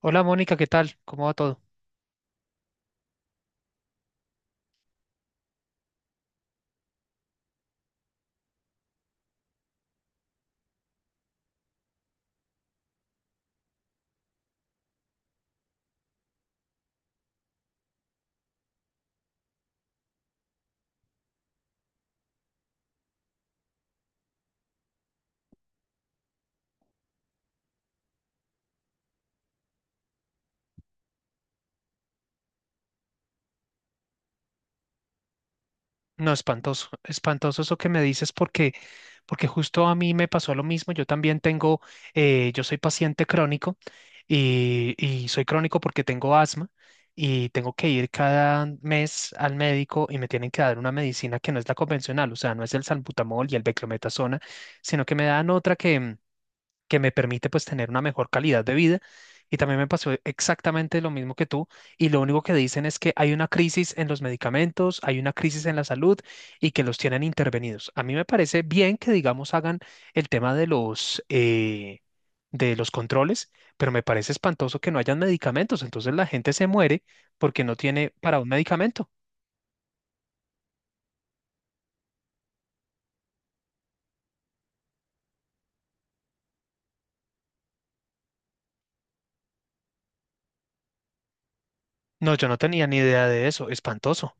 Hola Mónica, ¿qué tal? ¿Cómo va todo? No, espantoso, espantoso eso que me dices porque justo a mí me pasó lo mismo. Yo también tengo. Yo soy paciente crónico y soy crónico porque tengo asma y tengo que ir cada mes al médico y me tienen que dar una medicina que no es la convencional, o sea, no es el salbutamol y el beclometasona, sino que, me dan otra que me permite pues tener una mejor calidad de vida. Y también me pasó exactamente lo mismo que tú. Y lo único que dicen es que hay una crisis en los medicamentos, hay una crisis en la salud y que los tienen intervenidos. A mí me parece bien que, digamos, hagan el tema de de los controles, pero me parece espantoso que no hayan medicamentos. Entonces la gente se muere porque no tiene para un medicamento. No, yo no tenía ni idea de eso. Espantoso.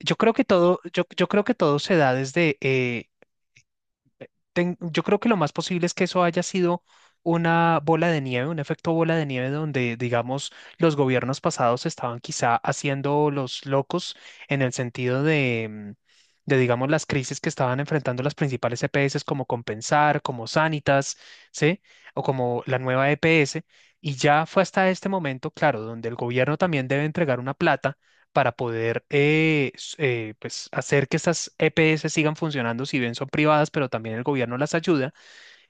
Yo creo que todo. Yo creo que todo se da desde yo creo que lo más posible es que eso haya sido una bola de nieve, un efecto bola de nieve donde, digamos, los gobiernos pasados estaban quizá haciendo los locos en el sentido de, digamos, las crisis que estaban enfrentando las principales EPS como Compensar, como Sanitas, ¿sí? O como la nueva EPS. Y ya fue hasta este momento, claro, donde el gobierno también debe entregar una plata para poder pues hacer que estas EPS sigan funcionando, si bien son privadas, pero también el gobierno las ayuda.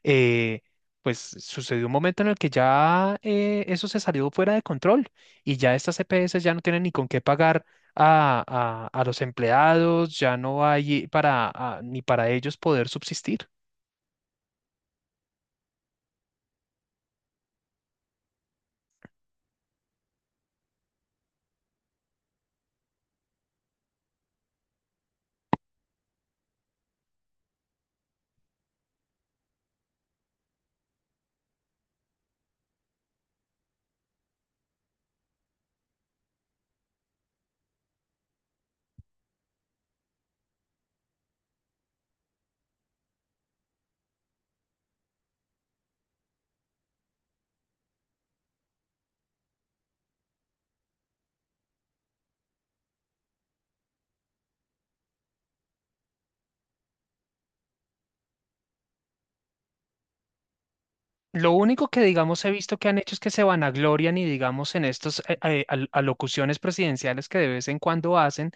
eh, pues sucedió un momento en el que ya eso se salió fuera de control y ya estas EPS ya no tienen ni con qué pagar a, a los empleados, ya no hay para, ni para ellos poder subsistir. Lo único que, digamos, he visto que han hecho es que se vanaglorian y, digamos, en estas alocuciones presidenciales que de vez en cuando hacen,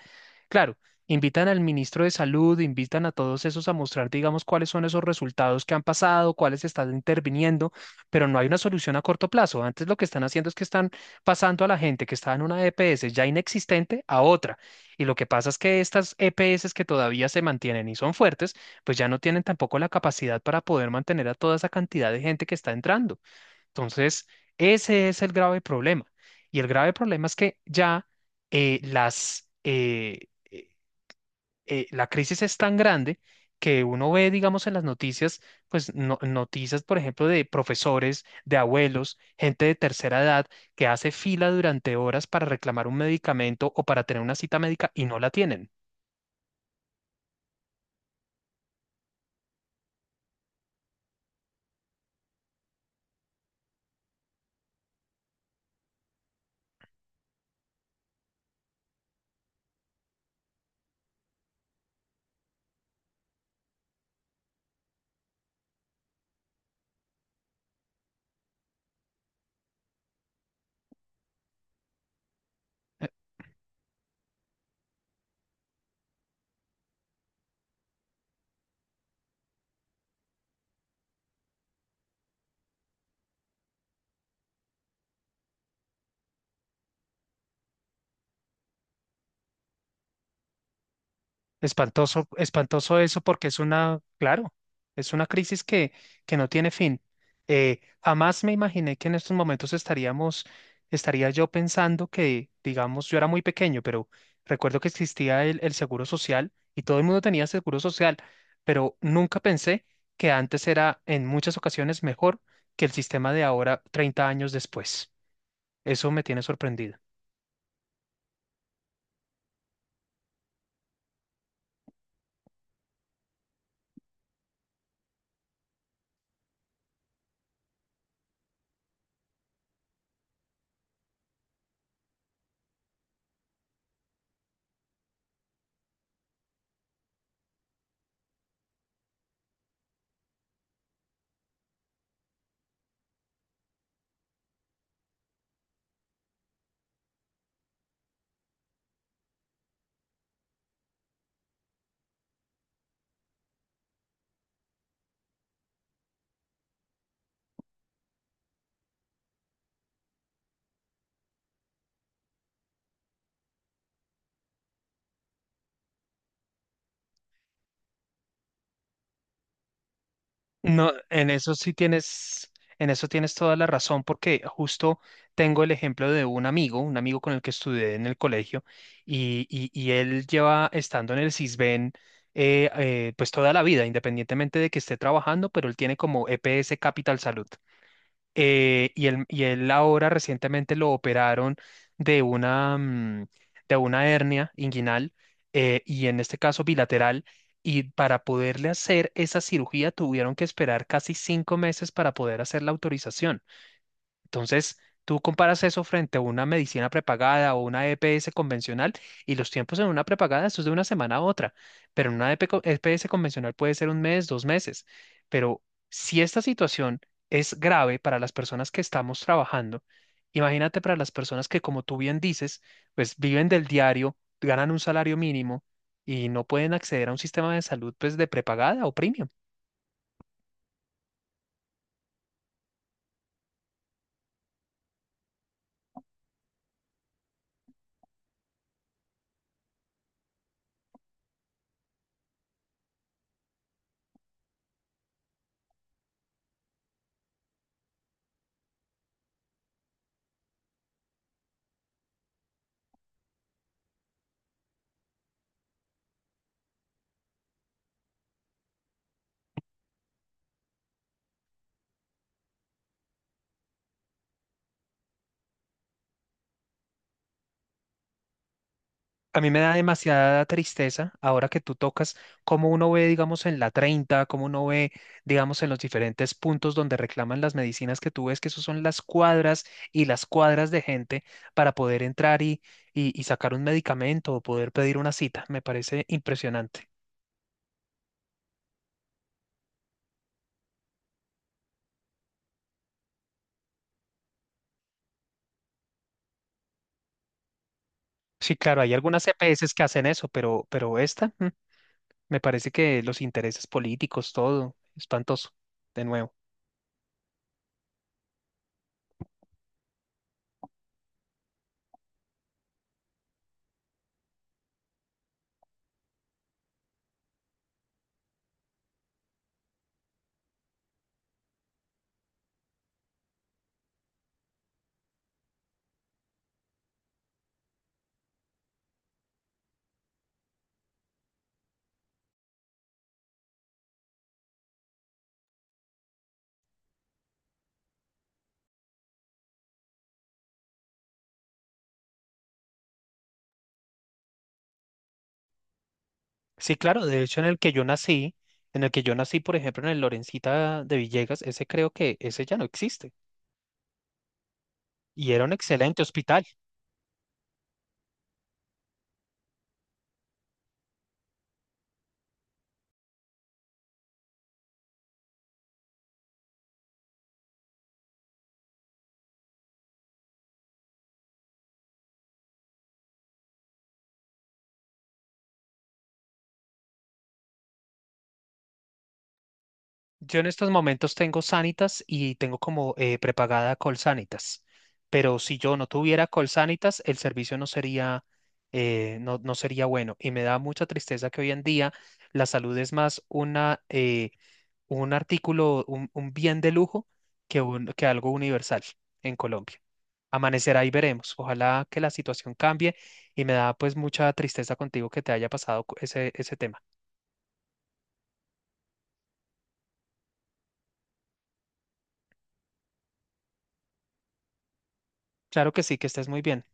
claro, invitan al ministro de Salud, invitan a todos esos a mostrar, digamos, cuáles son esos resultados que han pasado, cuáles están interviniendo, pero no hay una solución a corto plazo. Antes lo que están haciendo es que están pasando a la gente que está en una EPS ya inexistente a otra. Y lo que pasa es que estas EPS que todavía se mantienen y son fuertes, pues ya no tienen tampoco la capacidad para poder mantener a toda esa cantidad de gente que está entrando. Entonces, ese es el grave problema. Y el grave problema es que ya eh, las, eh, eh, la crisis es tan grande que uno ve, digamos, en las noticias, pues noticias, por ejemplo, de profesores, de abuelos, gente de tercera edad que hace fila durante horas para reclamar un medicamento o para tener una cita médica y no la tienen. Espantoso, espantoso eso porque es una. Claro, es una crisis que no tiene fin. Jamás me imaginé que en estos momentos estaríamos, estaría yo pensando que, digamos, yo era muy pequeño, pero recuerdo que existía el seguro social y todo el mundo tenía seguro social, pero nunca pensé que antes era en muchas ocasiones mejor que el sistema de ahora, 30 años después. Eso me tiene sorprendido. No, en eso sí tienes, en eso tienes toda la razón, porque justo tengo el ejemplo de un amigo con el que estudié en el colegio, y él lleva estando en el Sisbén pues toda la vida, independientemente de que esté trabajando, pero él tiene como EPS Capital Salud. Y él, ahora recientemente lo operaron de una hernia inguinal y en este caso bilateral. Y para poderle hacer esa cirugía tuvieron que esperar casi 5 meses para poder hacer la autorización. Entonces, tú comparas eso frente a una medicina prepagada o una EPS convencional y los tiempos en una prepagada, eso es de una semana a otra, pero en una EP EPS convencional puede ser un mes, dos meses. Pero si esta situación es grave para las personas que estamos trabajando, imagínate para las personas que, como tú bien dices, pues viven del diario, ganan un salario mínimo y no pueden acceder a un sistema de salud pues de prepagada o premium. A mí me da demasiada tristeza ahora que tú tocas cómo uno ve, digamos, en la 30, cómo uno ve, digamos, en los diferentes puntos donde reclaman las medicinas que tú ves, que eso son las cuadras y las cuadras de gente para poder entrar y sacar un medicamento o poder pedir una cita. Me parece impresionante. Sí, claro, hay algunas EPS que hacen eso, pero esta, me parece que los intereses políticos, todo, espantoso, de nuevo. Sí, claro, de hecho en el que yo nací, en el que yo nací, por ejemplo, en el Lorencita de Villegas, ese creo que ese ya no existe y era un excelente hospital. Yo en estos momentos tengo Sanitas y tengo como prepagada Colsanitas, pero si yo no tuviera Colsanitas, el servicio no sería, no, sería bueno y me da mucha tristeza que hoy en día la salud es más una, un artículo, un bien de lujo que algo universal en Colombia. Amanecerá y veremos. Ojalá que la situación cambie y me da pues mucha tristeza contigo que te haya pasado ese tema. Claro que sí, que estés muy bien.